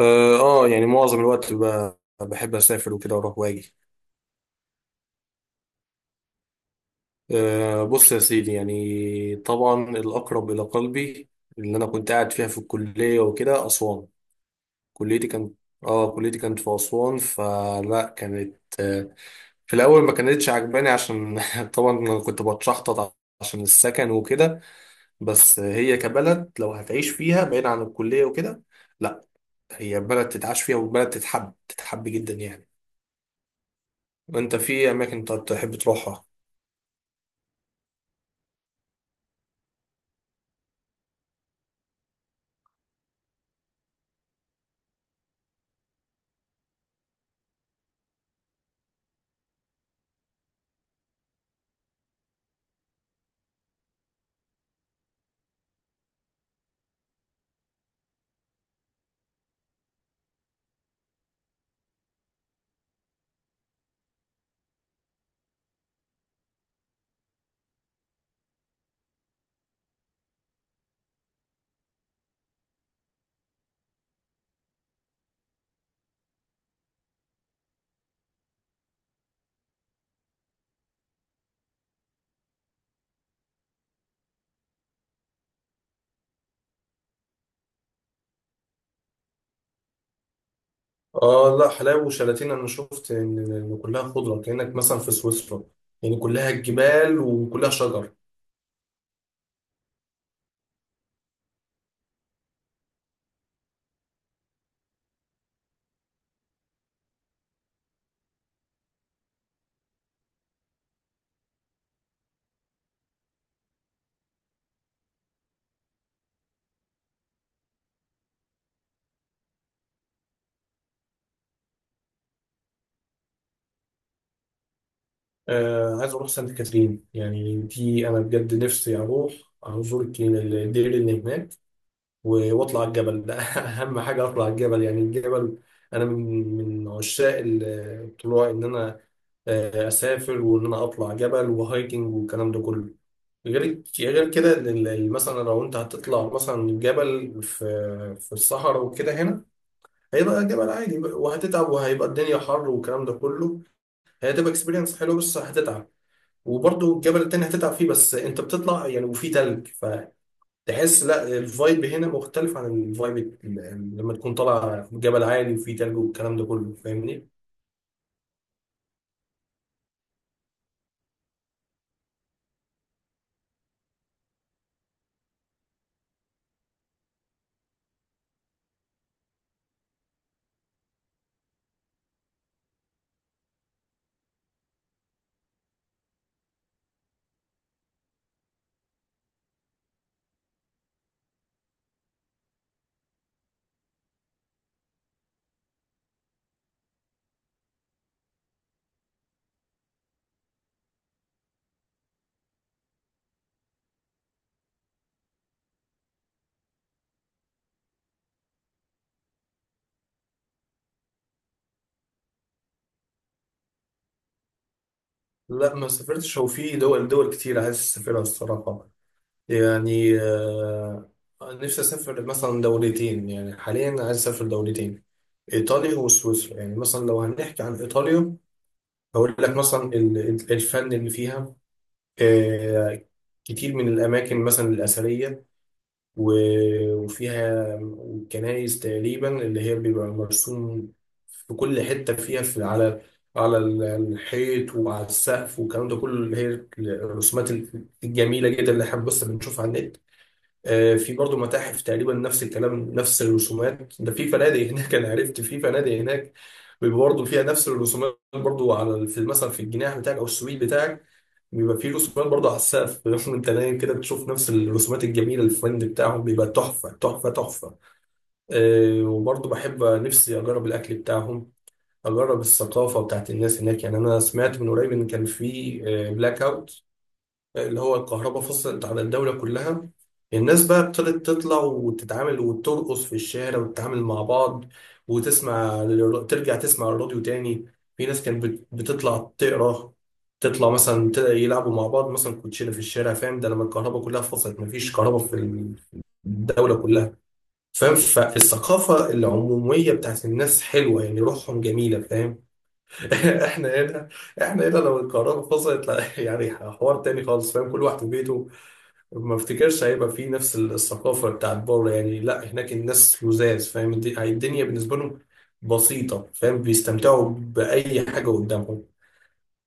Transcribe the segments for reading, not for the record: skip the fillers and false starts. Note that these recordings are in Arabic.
يعني معظم الوقت بحب اسافر وكده واروح واجي. بص يا سيدي، يعني طبعا الاقرب الى قلبي اللي انا كنت قاعد فيها في الكليه وكده اسوان. كليتي كانت، اه كليتي كانت في اسوان. فلا كانت آه في الاول ما كانتش عجباني عشان طبعا أنا كنت بتشحطط عشان السكن وكده. بس هي كبلد لو هتعيش فيها بعيد عن الكليه وكده، لا، هي بلد تتعاش فيها وبلد تتحب جدا يعني. وانت في اماكن طب تحب تروحها؟ اه لا، حلاوه وشلاتين انا شفت إن كلها خضره، كانك مثلا في سويسرا، يعني كلها جبال وكلها شجر. آه عايز اروح سانت كاترين، يعني دي انا بجد نفسي اروح ازور الدير اللي هناك واطلع الجبل ده اهم حاجه اطلع الجبل، يعني الجبل انا من عشاق الطلوع، ان انا اسافر وان انا اطلع جبل وهايكنج والكلام ده كله. غير كده إن مثلا لو انت هتطلع مثلا جبل في الصحراء وكده، هنا هيبقى جبل عادي بقى، وهتتعب وهيبقى الدنيا حر والكلام ده كله. هي هتبقى اكسبيرينس حلوه بس هتتعب. وبرضه الجبل التاني هتتعب فيه، بس انت بتطلع يعني وفي تلج، فتحس لا، الفايب هنا مختلف عن الفايب لما تكون طالع جبل عالي وفي تلج والكلام ده كله، فاهمني؟ لا ما سافرتش، هو في دول كتير عايز اسافرها الصراحه، يعني نفسي أسافر مثلا دولتين، يعني حاليا عايز أسافر دولتين، إيطاليا وسويسرا. يعني مثلا لو هنحكي عن إيطاليا، هقول لك مثلا الفن اللي فيها، آه، كتير من الأماكن مثلا الأثرية، وفيها كنايس تقريبا اللي هي بيبقى مرسوم في كل حتة فيها، في على الحيط وعلى السقف والكلام ده كله، اللي هي الرسومات الجميلة جدا اللي احنا بس بنشوفها على النت. في برضه متاحف تقريبا نفس الكلام، نفس الرسومات ده. في فنادق هناك، انا عرفت في فنادق هناك بيبقى برضه فيها نفس الرسومات، برضه على في مثلا في الجناح بتاعك او السويت بتاعك بيبقى فيه رسومات برضه على السقف وانت نايم كده بتشوف نفس الرسومات الجميله. الفند بتاعهم بيبقى تحفه تحفه تحفه. وبرضه بحب نفسي اجرب الاكل بتاعهم، اجرب الثقافه بتاعت الناس هناك. يعني انا سمعت من قريب ان كان في بلاك اوت، اللي هو الكهرباء فصلت على الدولة كلها. الناس بقى ابتدت تطلع وتتعامل وترقص في الشارع وتتعامل مع بعض، وتسمع ترجع تسمع الراديو تاني. في ناس كانت بتطلع تقرا، تطلع مثلا يلعبوا مع بعض مثلا كوتشينة في الشارع، فاهم؟ ده لما الكهرباء كلها فصلت، مفيش كهرباء في الدولة كلها، فاهم؟ فالثقافة العمومية بتاعت الناس حلوة يعني، روحهم جميلة فاهم. احنا هنا، احنا هنا لو الكهرباء فصلت لا، يعني حوار تاني خالص فاهم، كل واحد في بيته. ما افتكرش هيبقى فيه نفس الثقافة بتاعت بره يعني. لا هناك الناس لذاذ فاهم، الدنيا بالنسبة لهم بسيطة فاهم، بيستمتعوا بأي حاجة قدامهم.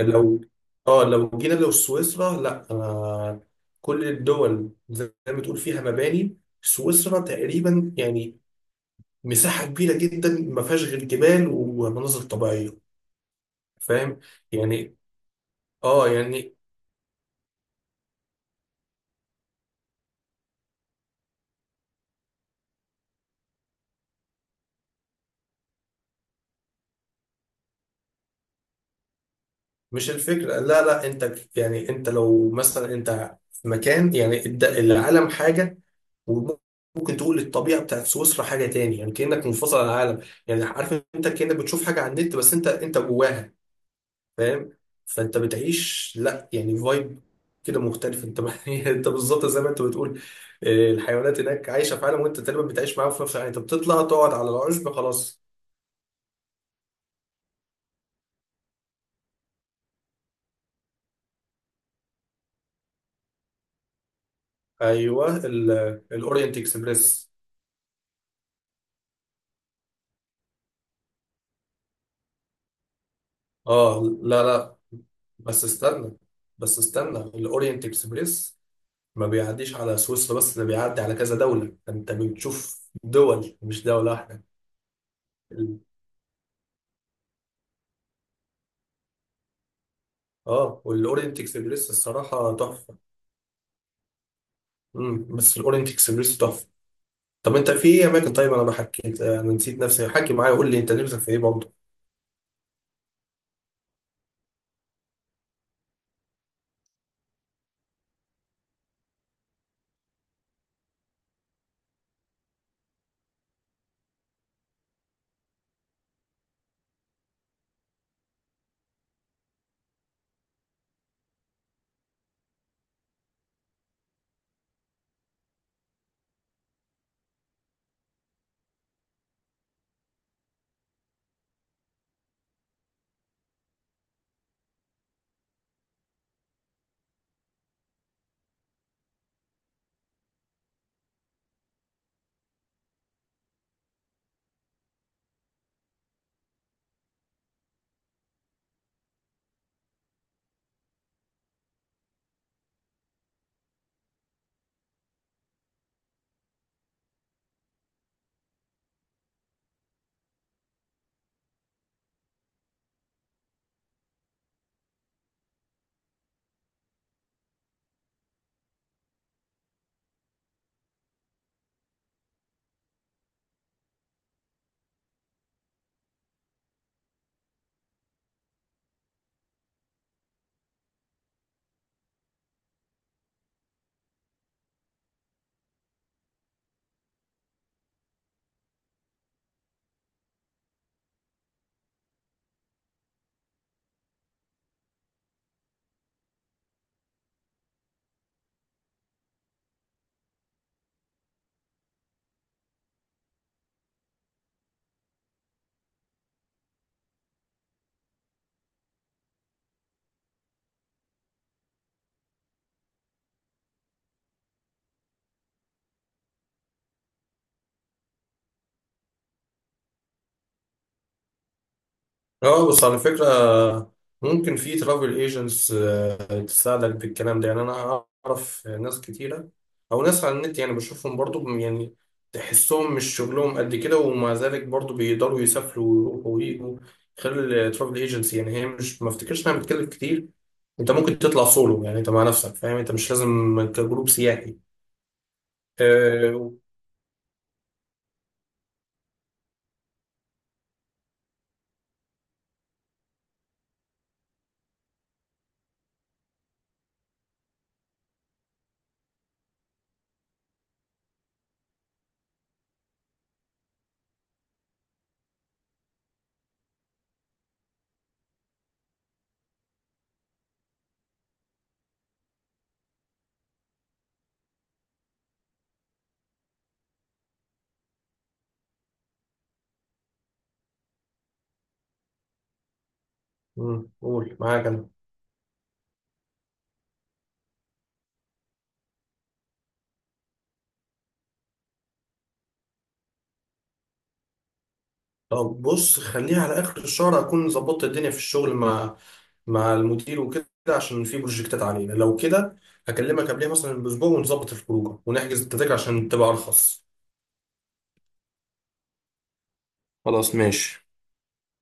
لو، اه لو جينا لو سويسرا، لا أنا، كل الدول زي ما تقول فيها مباني، سويسرا تقريبا يعني مساحة كبيرة جدا ما فيهاش غير جبال ومناظر طبيعية فاهم. يعني، اه يعني، مش الفكرة لا لا، انت يعني انت لو مثلا انت في مكان يعني، العالم حاجة وممكن تقول الطبيعة بتاعت سويسرا حاجة تاني. يعني كأنك منفصل عن العالم، يعني عارف انت؟ كأنك بتشوف حاجة على النت، بس انت جواها فاهم. فانت بتعيش لا، يعني فايب كده مختلف. انت انت بالظبط زي ما انت بتقول، اه، الحيوانات هناك عايشة في عالم، وانت تقريبا بتعيش معاهم في نفس العالم، انت بتطلع تقعد على العشب خلاص. ايوه، الاورينت اكسبريس. اه لا لا، بس استنى بس استنى الاورينت اكسبريس ما بيعديش على سويسرا بس، ده بيعدي على كذا دولة، انت بتشوف دول مش دولة واحدة. ال- اه والاورينت اكسبريس الصراحة تحفة. بس الاورينت اكسبريس تحفة. طب انت في ايه اماكن؟ طيب انا ما حكيت، انا نسيت نفسي، حكي معايا قول لي انت نفسك في ايه برضه. اه بس على فكرة، ممكن في ترافل ايجنتس تساعدك بالكلام ده. يعني انا اعرف ناس كتيره، او ناس على النت يعني بشوفهم برضو يعني، تحسهم مش شغلهم قد كده ومع ذلك برضو بيقدروا يسافروا ويروحوا ويجوا خلال الترافل ايجنسي. يعني هي مش، ما افتكرش انها بتكلف كتير. انت ممكن تطلع سولو، يعني انت مع نفسك فاهم، انت مش لازم كجروب سياحي. أه... مم، قول معاك انا. طب بص، خليها على اخر الشهر اكون ظبطت الدنيا في الشغل مع مع المدير وكده، عشان في بروجكتات علينا. لو كده هكلمك قبلها مثلا باسبوع ونظبط الخروجه ونحجز التذاكر عشان تبقى ارخص. خلاص ماشي.